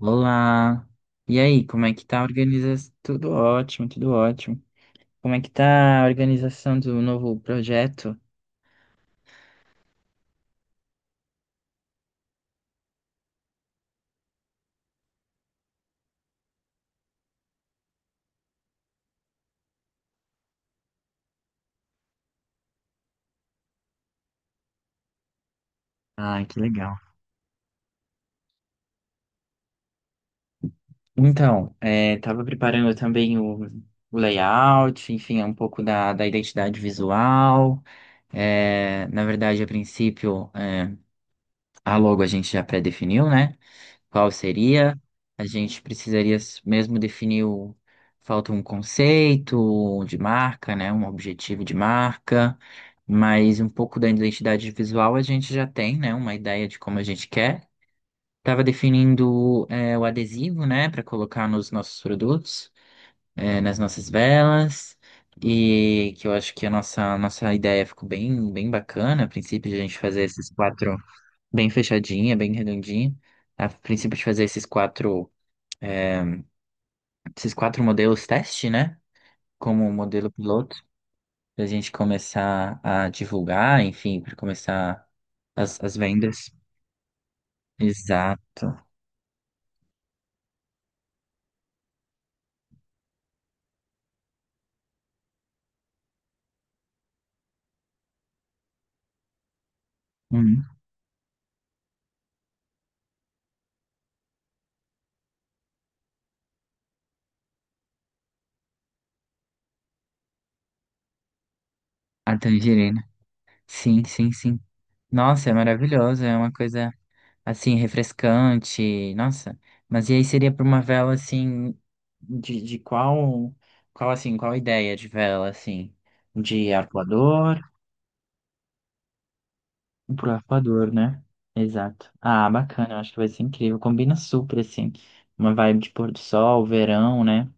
Olá! E aí, como é que tá a organização? Tudo ótimo, tudo ótimo. Como é que tá a organização do novo projeto? Ah, que legal. Então, é, tava preparando também o layout, enfim, um pouco da identidade visual. É, na verdade, a princípio, a logo a gente já pré-definiu, né? Qual seria? A gente precisaria mesmo definir o. Falta um conceito de marca, né? Um objetivo de marca, mas um pouco da identidade visual a gente já tem, né? Uma ideia de como a gente quer. Estava definindo o adesivo, né? Para colocar nos nossos produtos, nas nossas velas. E que eu acho que a nossa ideia ficou bem, bem bacana. A princípio, de a gente fazer esses quatro bem fechadinha, bem redondinha. A princípio de fazer é, esses quatro modelos teste, né? Como modelo piloto, para a gente começar a divulgar, enfim, para começar as vendas. Exato. Uhum. A tangerina. Sim, sim, sim. Nossa, é maravilhoso, é uma coisa assim, refrescante. Nossa, mas e aí seria para uma vela assim, de qual assim, qual ideia de vela assim? De arpoador? Pro Arpoador, né? Exato. Ah, bacana, eu acho que vai ser incrível. Combina super, assim. Uma vibe de pôr do sol, verão, né?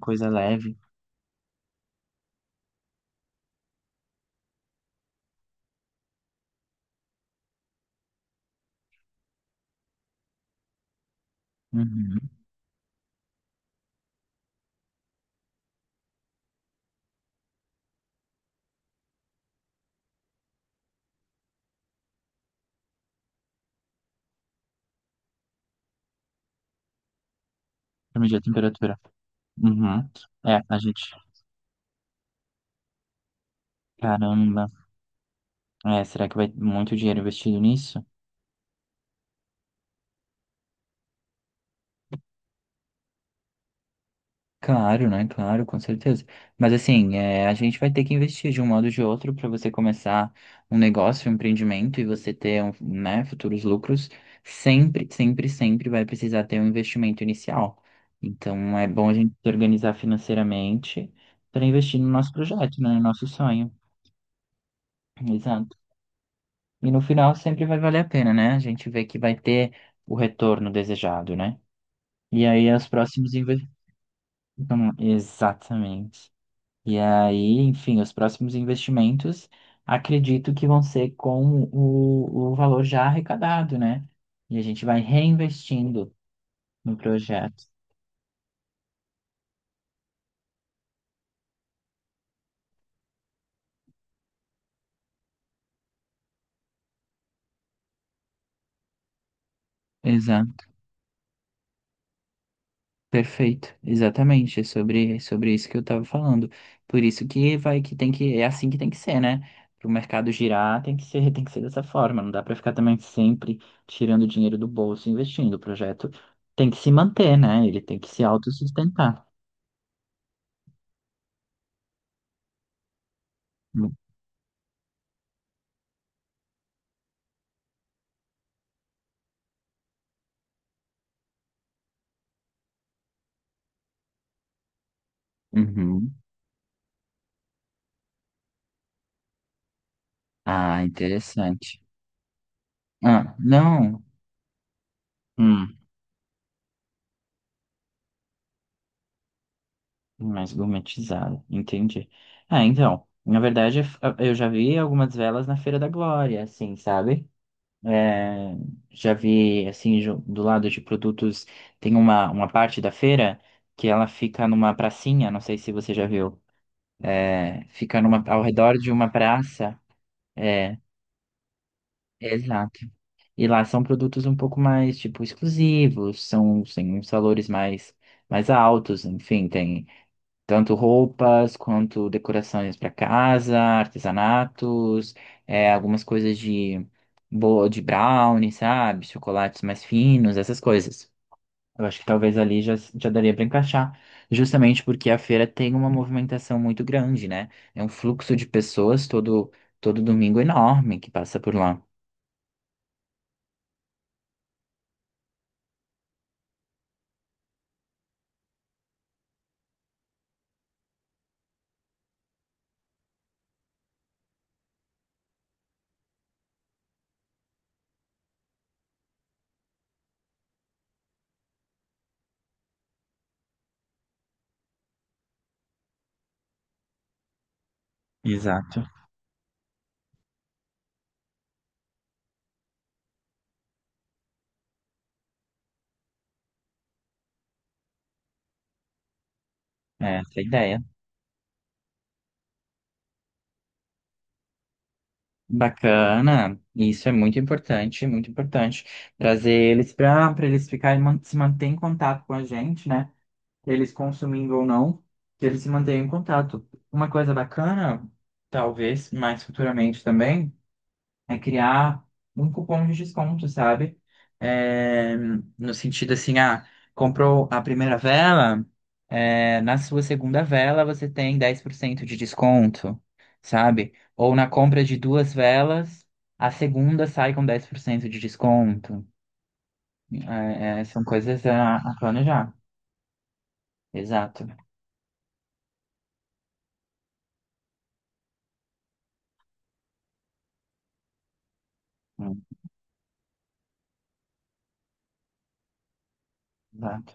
Coisa leve. Uhum. Pra medir a temperatura. Uhum. É, a gente. Caramba. É, será que vai muito dinheiro investido nisso? Claro, né? Claro, com certeza. Mas assim, é, a gente vai ter que investir de um modo ou de outro para você começar um negócio, um empreendimento e você ter, né, futuros lucros. Sempre, sempre, sempre vai precisar ter um investimento inicial. Então é bom a gente se organizar financeiramente para investir no nosso projeto, né, no nosso sonho. Exato. E no final sempre vai valer a pena, né? A gente vê que vai ter o retorno desejado, né? E aí os próximos investimentos. Exatamente. E aí, enfim, os próximos investimentos acredito que vão ser com o valor já arrecadado, né? E a gente vai reinvestindo no projeto. Exato. Perfeito, exatamente, é sobre isso que eu estava falando. Por isso que vai que tem que é assim que tem que ser, né? Para o mercado girar, tem que ser, tem que ser dessa forma. Não dá para ficar também sempre tirando dinheiro do bolso e investindo. O projeto tem que se manter, né? Ele tem que se autossustentar. Uhum. Ah, interessante. Ah, não. Hum, Mais gourmetizado. Entendi. Ah, então, na verdade, eu já vi algumas velas na Feira da Glória, assim, sabe? É, já vi, assim, do lado de produtos, tem uma parte da feira que ela fica numa pracinha, não sei se você já viu. É, fica ao redor de uma praça. É, exato. E lá são produtos um pouco mais, tipo, exclusivos, tem uns valores mais altos, enfim, tem tanto roupas quanto decorações para casa, artesanatos, é, algumas coisas de brownie, sabe? Chocolates mais finos, essas coisas. Eu acho que talvez ali já daria para encaixar, justamente porque a feira tem uma movimentação muito grande, né? É um fluxo de pessoas todo domingo enorme que passa por lá. Exato. É, essa é a ideia. Bacana, isso é muito importante, muito importante. Trazer eles para eles ficarem se manter em contato com a gente, né? Eles consumindo ou não, que eles se mantenham em contato. Uma coisa bacana, talvez mais futuramente também é criar um cupom de desconto, sabe? É, no sentido assim, ah, comprou a primeira vela, na sua segunda vela você tem 10% de desconto, sabe? Ou na compra de duas velas, a segunda sai com 10% de desconto. É, são coisas a planejar. Exato. Hum, Exato.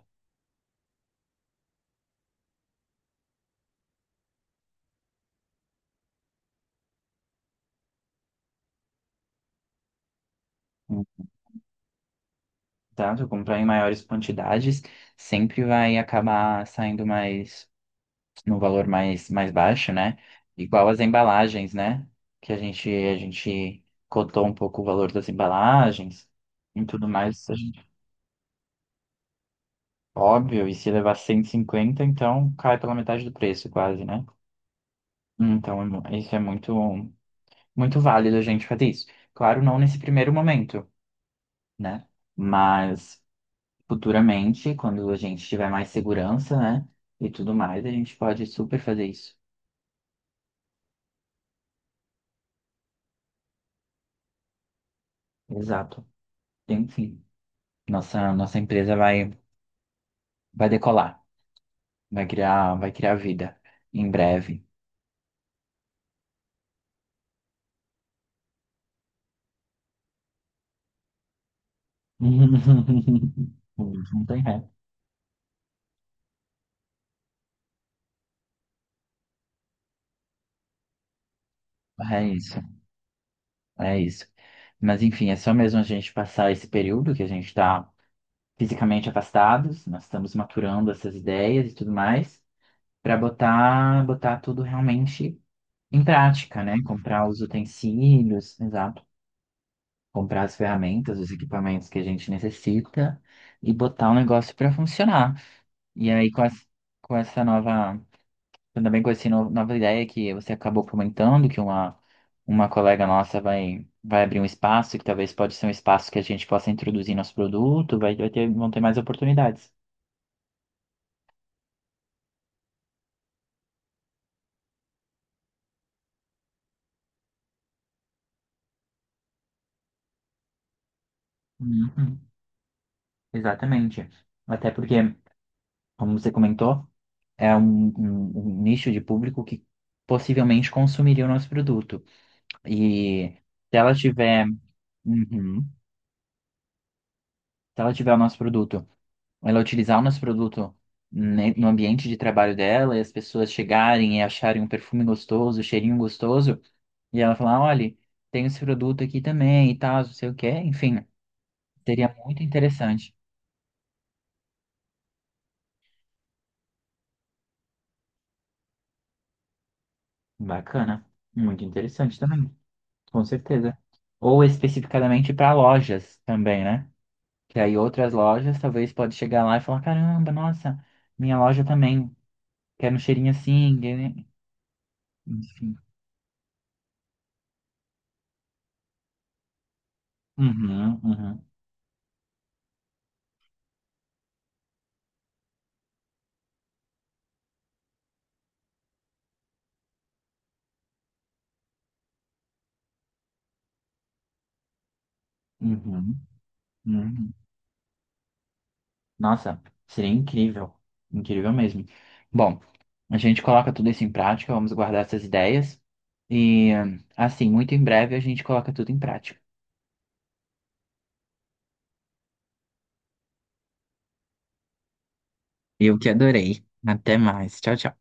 Hum, Exato. Comprar em maiores quantidades sempre vai acabar saindo mais num valor mais baixo, né? Igual as embalagens, né? Que a gente cotou um pouco o valor das embalagens e tudo mais. Óbvio, e se levar 150, então cai pela metade do preço, quase, né? Então, isso é muito, muito válido a gente fazer isso. Claro, não nesse primeiro momento, né? Mas futuramente, quando a gente tiver mais segurança, né? E tudo mais, a gente pode super fazer isso. Exato. Enfim, nossa, nossa empresa vai decolar, vai criar vida em breve. Não tem ré. É isso, é isso. Mas enfim, é só mesmo a gente passar esse período que a gente está fisicamente afastados, nós estamos maturando essas ideias e tudo mais, para botar tudo realmente em prática, né? Comprar os utensílios, exato, comprar as ferramentas, os equipamentos que a gente necessita e botar o negócio para funcionar. E aí com, com essa nova. Eu também conheci nova ideia que você acabou comentando, que uma, colega nossa vai abrir um espaço, que talvez pode ser um espaço que a gente possa introduzir nosso produto, vão ter mais oportunidades. Uhum, exatamente. Até porque, como você comentou, é um, um nicho de público que possivelmente consumiria o nosso produto. E se ela tiver. Uhum. Se ela tiver o nosso produto, ela utilizar o nosso produto no ambiente de trabalho dela e as pessoas chegarem e acharem um perfume gostoso, um cheirinho gostoso, e ela falar, olha, tem esse produto aqui também e tal, não sei o quê, enfim, seria muito interessante. Bacana, muito interessante também, com certeza. Ou especificadamente para lojas também, né? Que aí outras lojas talvez pode chegar lá e falar, caramba, nossa, minha loja também quer um cheirinho assim, né? Enfim. Uhum, uhum. Uhum, uhum. Nossa, seria incrível. Incrível mesmo. Bom, a gente coloca tudo isso em prática, vamos guardar essas ideias. E, assim, muito em breve a gente coloca tudo em prática. Eu que adorei. Até mais. Tchau, tchau.